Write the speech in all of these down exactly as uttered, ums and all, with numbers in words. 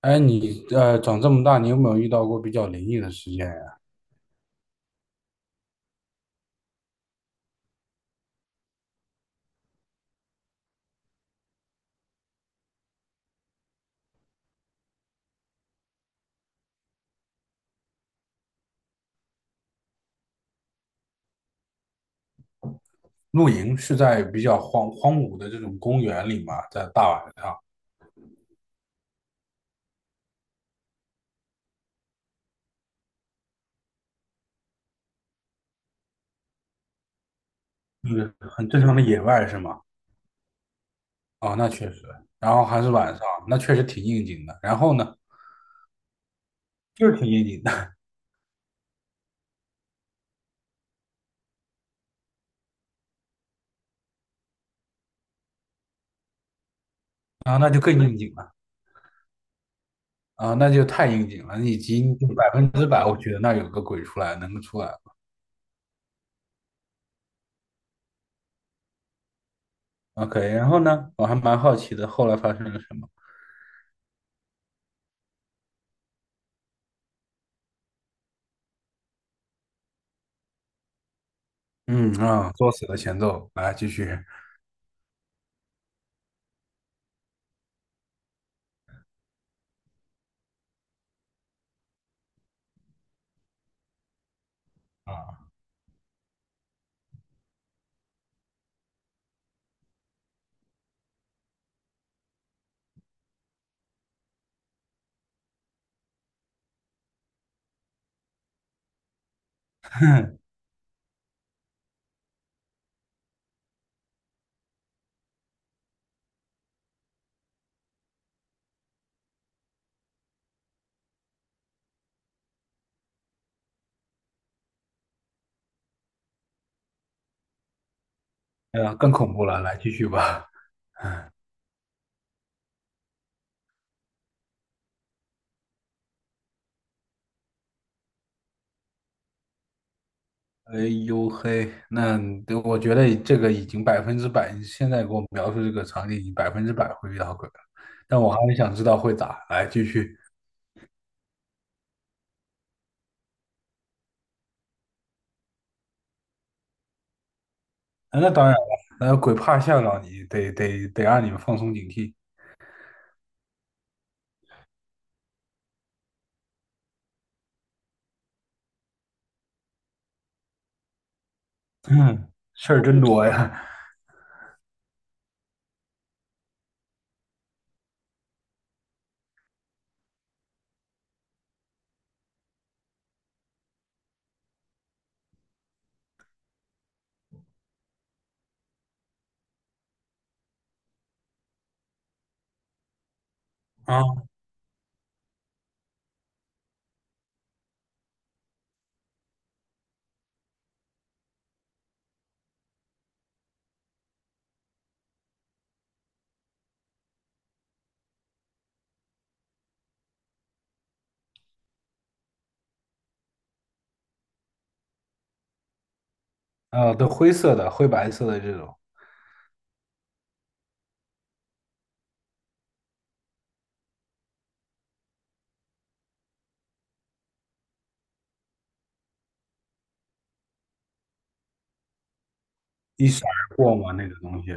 哎，你呃长这么大，你有没有遇到过比较灵异的事件呀？露营是在比较荒荒芜的这种公园里嘛，在大晚上，就是很正常的野外是吗？哦，那确实。然后还是晚上，那确实挺应景的。然后呢，就是挺应景的。啊，那就更应景了。啊，那就太应景了，以及百分之百，我觉得那有个鬼出来，能够出来。OK，然后呢，我还蛮好奇的，后来发生了什么？嗯啊，作死的前奏，来继续啊。呃，更恐怖了，来继续吧。哎呦嘿，那，对，我觉得这个已经百分之百，你现在给我描述这个场景，已经百分之百会遇到鬼了。但我还是想知道会咋，来继续。啊，那当然了。那鬼怕吓到你，得得得让你们放松警惕。嗯，事儿真多呀。 啊。啊，都灰色的、灰白色的这种。一闪而过嘛，那个东西。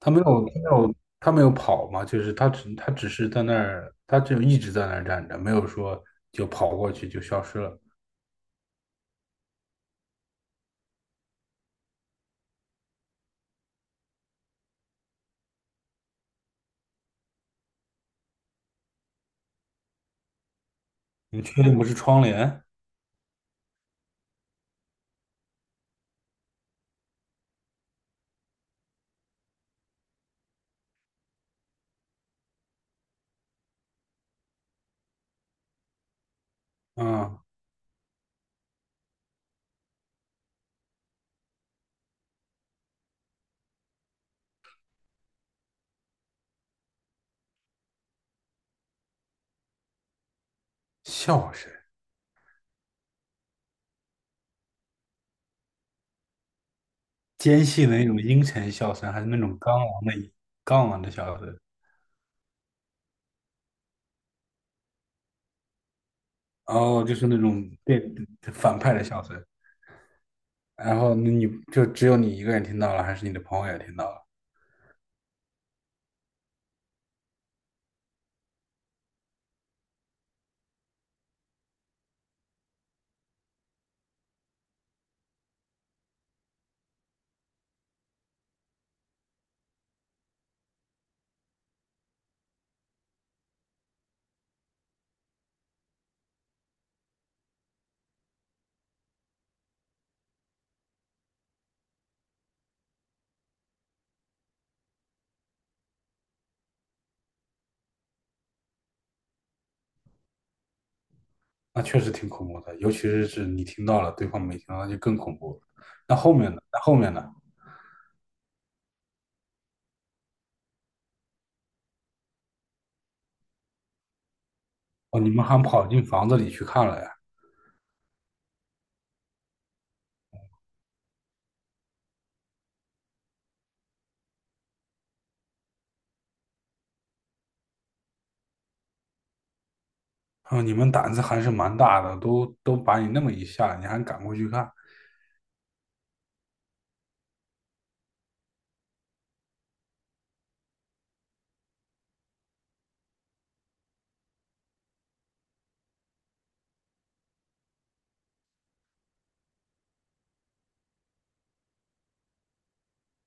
他没有，他没有，他没有跑嘛，就是他只他只是在那儿，他只一直在那儿站着，没有说就跑过去就消失了。你确定不是窗帘？嗯，笑声。尖细的那种阴沉笑声，还是那种刚昂的刚昂的笑声？哦，就是那种，对，反派的笑声。然后那你就只有你一个人听到了，还是你的朋友也听到了？那确实挺恐怖的，尤其是是你听到了，对方没听到，那就更恐怖了。那后面呢？那后面呢？哦，你们还跑进房子里去看了呀？哦，你们胆子还是蛮大的，都都把你那么一吓，你还敢过去看？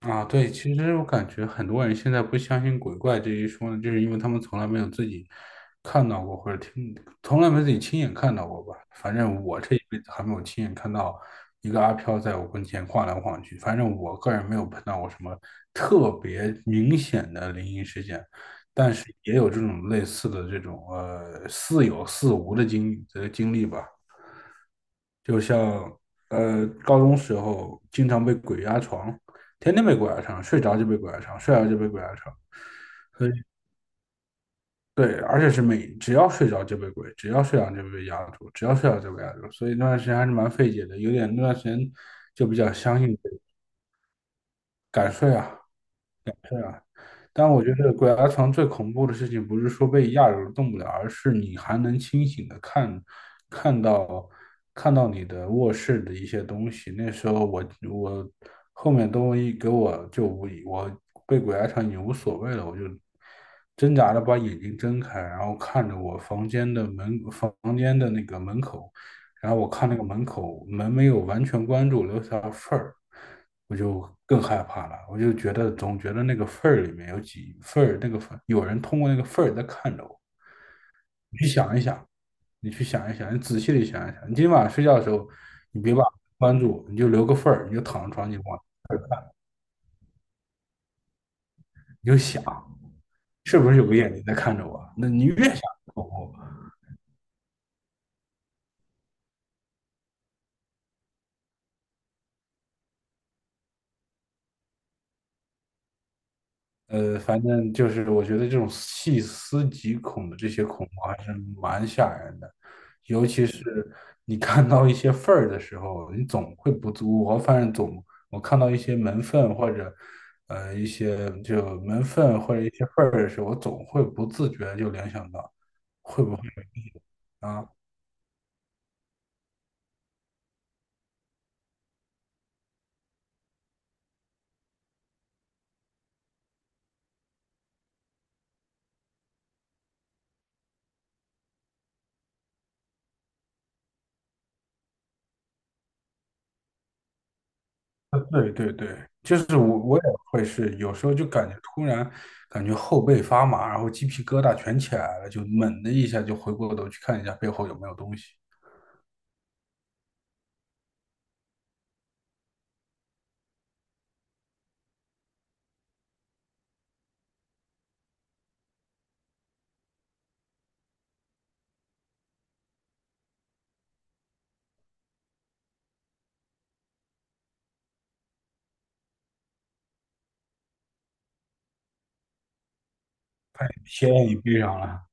啊，对，其实我感觉很多人现在不相信鬼怪这一说呢，就是因为他们从来没有自己看到过，或者听，从来没自己亲眼看到过吧。反正我这一辈子还没有亲眼看到一个阿飘在我跟前晃来晃去。反正我个人没有碰到过什么特别明显的灵异事件，但是也有这种类似的这种呃似有似无的经呃经历吧。就像呃高中时候经常被鬼压床，天天被鬼压床，睡着就被鬼压床，睡着就被鬼压床。对，而且是每只要睡着就被鬼，只要睡着就被压住，只要睡着就被压住，所以那段时间还是蛮费解的，有点那段时间就比较相信这个敢睡啊。但我觉得鬼压床最恐怖的事情，不是说被压着动不了，而是你还能清醒的看，看到看到你的卧室的一些东西。那时候我我后面都一给我就我我被鬼压床已经无所谓了，我就挣扎着把眼睛睁开，然后看着我房间的门，房间的那个门口，然后我看那个门口门没有完全关住，留下缝儿，我就更害怕了。我就觉得总觉得那个缝儿里面有几缝儿，那个缝有人通过那个缝儿在看着我。你去想一想，你去想一想，你仔细的想一想。你今晚睡觉的时候，你别把门关住，你就留个缝儿，你就躺在床上，你就往你就想，是不是有个眼睛在看着我？那你越想越恐怖。呃，反正就是我觉得这种细思极恐的这些恐怖还是蛮吓人的，尤其是你看到一些缝儿的时候，你总会不自我反正总我看到一些门缝或者呃一些就门缝或者一些缝儿的时候，我总会不自觉地就联想到会不会。啊？呃对对对，就是我我也会是，有时候就感觉突然感觉后背发麻，然后鸡皮疙瘩全起来了，就猛的一下就回过头去看一下背后有没有东西。先让你背上了。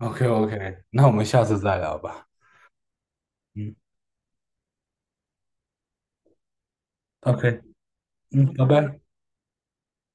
OK OK，那我们下次再聊吧。嗯，OK。嗯，拜拜。